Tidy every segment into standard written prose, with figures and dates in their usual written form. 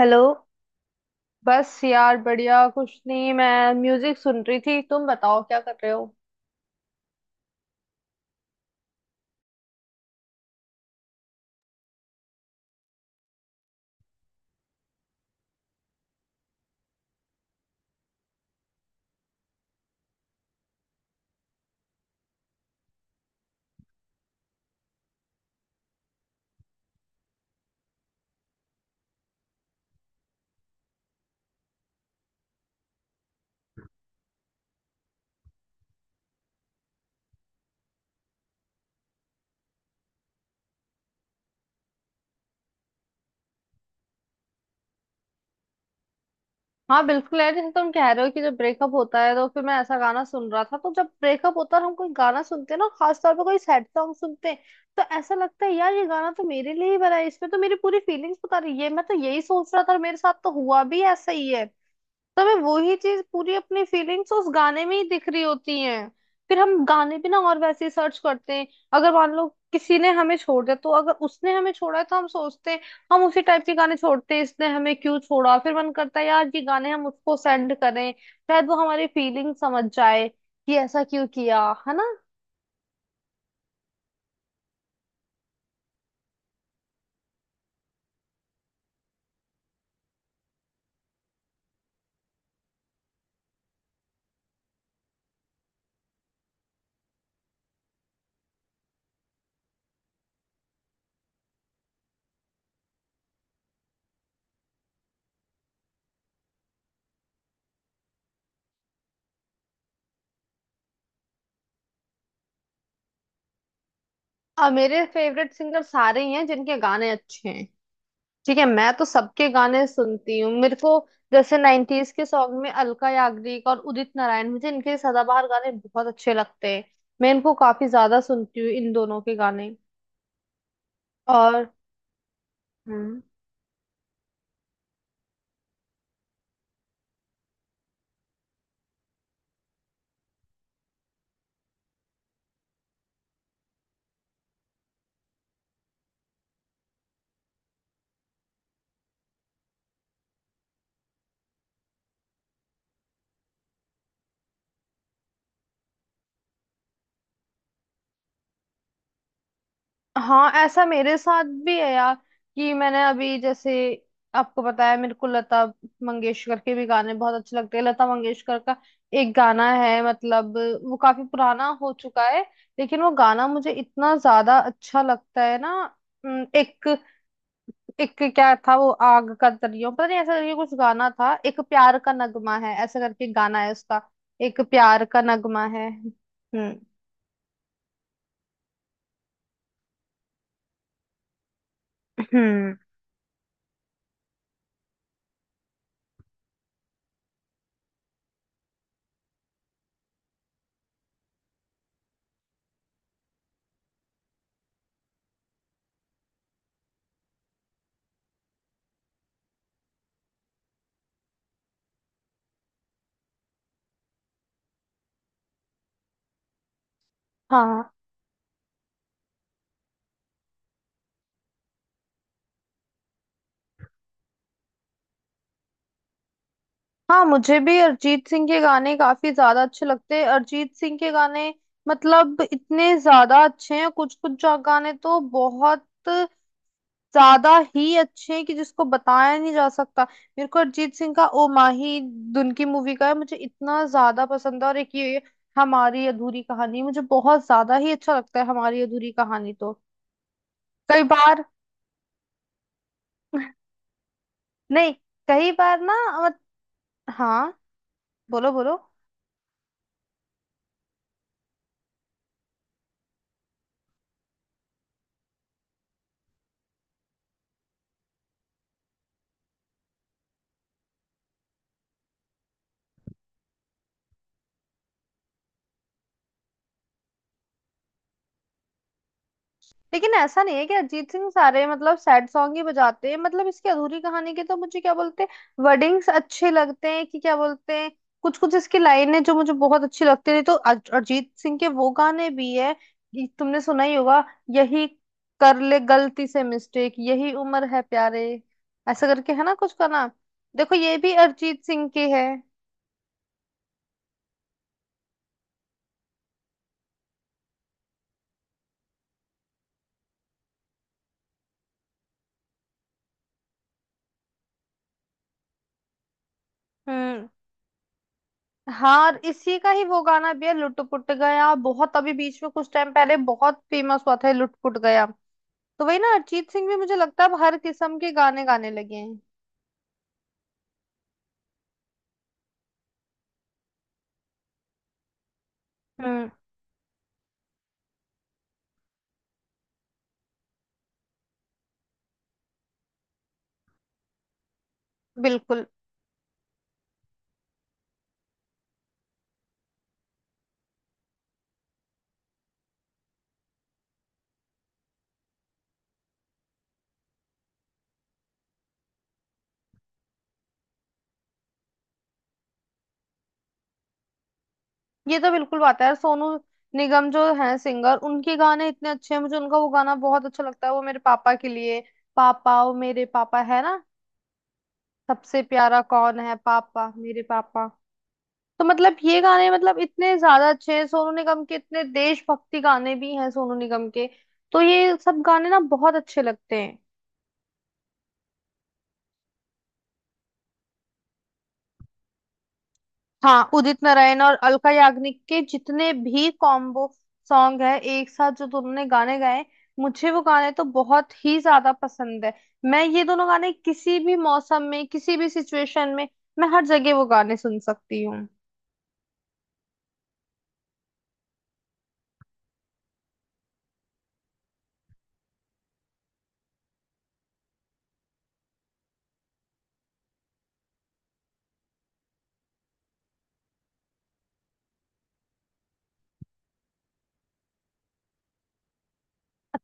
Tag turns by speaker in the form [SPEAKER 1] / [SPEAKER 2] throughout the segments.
[SPEAKER 1] Hello. बस यार बढ़िया कुछ नहीं, मैं म्यूजिक सुन रही थी, तुम बताओ क्या कर रहे हो। हाँ बिल्कुल यार, जैसे तुम कह रहे हो कि जब ब्रेकअप होता है तो फिर मैं ऐसा गाना सुन रहा था। तो जब ब्रेकअप होता है हम कोई गाना सुनते हैं ना, खास तौर पर कोई सैड सॉन्ग सुनते हैं। तो ऐसा लगता है यार, ये गाना तो मेरे लिए ही बना है, इसमें तो मेरी पूरी फीलिंग्स बता रही है, मैं तो यही सोच रहा था और मेरे साथ तो हुआ भी ऐसा ही है। तो हमें वही चीज, पूरी अपनी फीलिंग्स उस गाने में ही दिख रही होती हैं। फिर हम गाने भी ना और वैसे ही सर्च करते हैं। अगर मान लो किसी ने हमें छोड़ दिया, तो अगर उसने हमें छोड़ा है, तो हम सोचते हैं, हम उसी टाइप के गाने छोड़ते हैं, इसने हमें क्यों छोड़ा। फिर मन करता है यार, ये गाने हम उसको सेंड करें, शायद वो हमारी फीलिंग समझ जाए कि ऐसा क्यों किया। है ना। अब मेरे फेवरेट सिंगर सारे ही हैं जिनके गाने अच्छे हैं। ठीक है, मैं तो सबके गाने सुनती हूँ। मेरे को जैसे नाइन्टीज के सॉन्ग में अलका याग्निक और उदित नारायण, मुझे इनके सदाबहार गाने बहुत अच्छे लगते हैं। मैं इनको काफी ज्यादा सुनती हूँ, इन दोनों के गाने। और हम्म। हाँ ऐसा मेरे साथ भी है यार, कि मैंने अभी जैसे आपको बताया, मेरे को लता मंगेशकर के भी गाने बहुत अच्छे लगते हैं। लता मंगेशकर का एक गाना है, मतलब वो काफी पुराना हो चुका है, लेकिन वो गाना मुझे इतना ज्यादा अच्छा लगता है ना। एक एक क्या था वो, आग का दरियो पता नहीं ऐसा करके कुछ गाना था, एक प्यार का नगमा है ऐसा करके गाना है उसका। एक प्यार का नगमा है। हम्म। हम्म। हाँ हाँ मुझे भी अरिजीत सिंह के गाने काफी ज्यादा अच्छे लगते हैं। अरिजीत सिंह के गाने मतलब इतने ज्यादा अच्छे हैं, कुछ कुछ गाने तो बहुत ज्यादा ही अच्छे हैं कि जिसको बताया नहीं जा सकता। मेरे को अरिजीत सिंह का ओ माही, धुन की मूवी का है, मुझे इतना ज्यादा पसंद है। और एक ये हमारी अधूरी कहानी मुझे बहुत ज्यादा ही अच्छा लगता है, हमारी अधूरी कहानी तो। कई बार नहीं। कई बार ना मत। हाँ। बोलो बोलो। लेकिन ऐसा नहीं है कि अरिजीत सिंह सारे मतलब सैड सॉन्ग ही बजाते हैं। मतलब इसकी अधूरी कहानी के तो मुझे क्या बोलते हैं, वर्डिंग्स अच्छे लगते हैं कि क्या बोलते हैं, कुछ कुछ इसकी लाइनें जो मुझे बहुत अच्छी लगती थी, तो अरिजीत सिंह के वो गाने भी है। ये तुमने सुना ही होगा, यही, कर ले गलती से मिस्टेक यही उम्र है प्यारे, ऐसा करके है ना कुछ गाना। देखो ये भी अरिजीत सिंह के है। हम्म। हाँ और इसी का ही वो गाना भी है, लुटपुट गया, बहुत अभी बीच में कुछ टाइम पहले बहुत फेमस हुआ था, लुटपुट गया। तो वही ना, अरिजीत सिंह भी मुझे लगता है अब हर किस्म के गाने गाने लगे हैं। हम्म। बिल्कुल। ये तो बिल्कुल बात है यार, सोनू निगम जो है सिंगर, उनके गाने इतने अच्छे हैं। मुझे उनका वो गाना बहुत अच्छा लगता है, वो मेरे पापा के लिए, पापा ओ मेरे पापा है ना, सबसे प्यारा कौन है, पापा मेरे पापा। तो मतलब ये गाने मतलब इतने ज्यादा अच्छे हैं सोनू निगम के, इतने देशभक्ति गाने भी हैं सोनू निगम के। तो ये सब गाने ना बहुत अच्छे लगते हैं। हाँ उदित नारायण और अलका याग्निक के जितने भी कॉम्बो सॉन्ग है, एक साथ जो दोनों ने गाने गाए, मुझे वो गाने तो बहुत ही ज्यादा पसंद है। मैं ये दोनों गाने किसी भी मौसम में, किसी भी सिचुएशन में, मैं हर जगह वो गाने सुन सकती हूँ।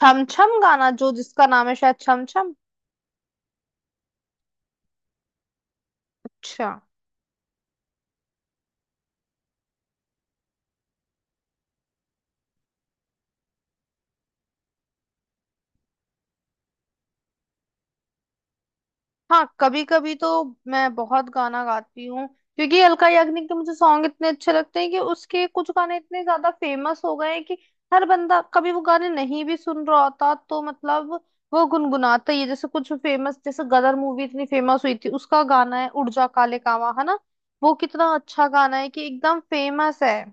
[SPEAKER 1] छम छम गाना, जो जिसका नाम है शायद छम छम। अच्छा। हाँ कभी कभी तो मैं बहुत गाना गाती हूँ, क्योंकि अलका याग्निक के मुझे सॉन्ग इतने अच्छे लगते हैं कि उसके कुछ गाने इतने ज्यादा फेमस हो गए हैं कि हर बंदा कभी वो गाने नहीं भी सुन रहा होता तो मतलब वो गुनगुनाता ही है। जैसे कुछ फेमस, जैसे गदर मूवी इतनी फेमस हुई थी, उसका गाना है उड़ जा काले कावां है ना, वो कितना अच्छा गाना है कि एकदम फेमस है।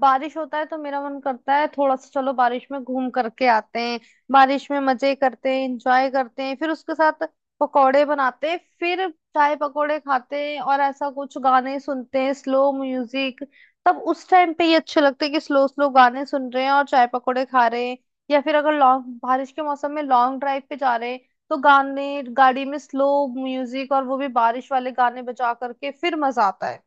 [SPEAKER 1] बारिश होता है तो मेरा मन करता है थोड़ा सा चलो बारिश में घूम करके आते हैं, बारिश में मजे करते हैं, एंजॉय करते हैं। फिर उसके साथ पकोड़े बनाते हैं, फिर चाय पकोड़े खाते हैं और ऐसा कुछ गाने सुनते हैं, स्लो म्यूजिक। तब उस टाइम पे ये अच्छे लगते हैं कि स्लो स्लो गाने सुन रहे हैं और चाय पकोड़े खा रहे हैं। या फिर अगर लॉन्ग बारिश के मौसम में लॉन्ग ड्राइव पे जा रहे हैं, तो गाने गाड़ी में, स्लो म्यूजिक और वो भी बारिश वाले गाने बजा करके फिर मजा आता है।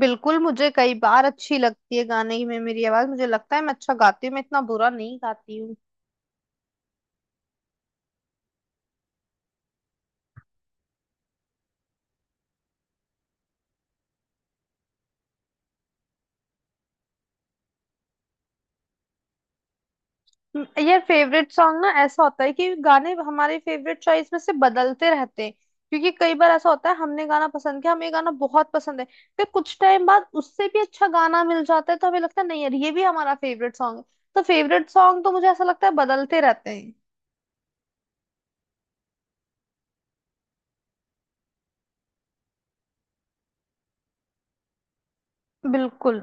[SPEAKER 1] बिल्कुल, मुझे कई बार अच्छी लगती है गाने में मेरी आवाज, मुझे लगता है मैं अच्छा गाती हूँ, मैं इतना बुरा नहीं गाती हूँ। ये फेवरेट सॉन्ग ना ऐसा होता है कि गाने हमारे फेवरेट चॉइस में से बदलते रहते हैं, क्योंकि कई बार ऐसा होता है, हमने गाना पसंद किया, हमें ये गाना बहुत पसंद है, फिर कुछ टाइम बाद उससे भी अच्छा गाना मिल जाता है तो हमें लगता है नहीं यार ये भी हमारा फेवरेट सॉन्ग है। तो फेवरेट सॉन्ग तो मुझे ऐसा लगता है बदलते रहते हैं। बिल्कुल।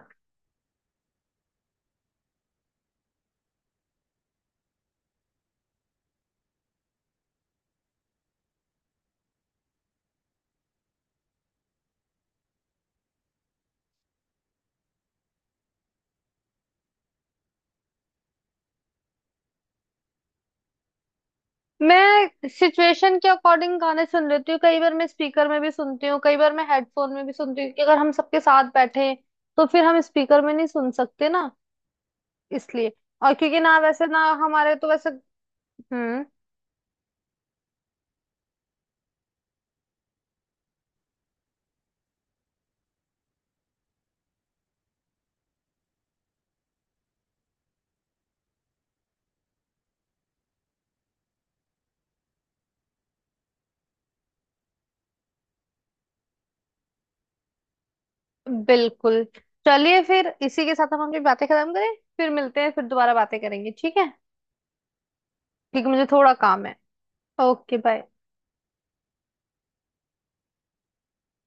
[SPEAKER 1] मैं सिचुएशन के अकॉर्डिंग गाने सुन लेती हूँ, कई बार मैं स्पीकर में भी सुनती हूँ, कई बार मैं हेडफोन में भी सुनती हूँ, क्योंकि अगर हम सबके साथ बैठे हैं, तो फिर हम स्पीकर में नहीं सुन सकते ना, इसलिए। और क्योंकि ना वैसे ना हमारे तो वैसे। हम्म। बिल्कुल। चलिए फिर इसी के साथ हम अपनी बातें खत्म करें, फिर मिलते हैं, फिर दोबारा बातें करेंगे, ठीक है। क्योंकि मुझे थोड़ा काम है। Okay bye.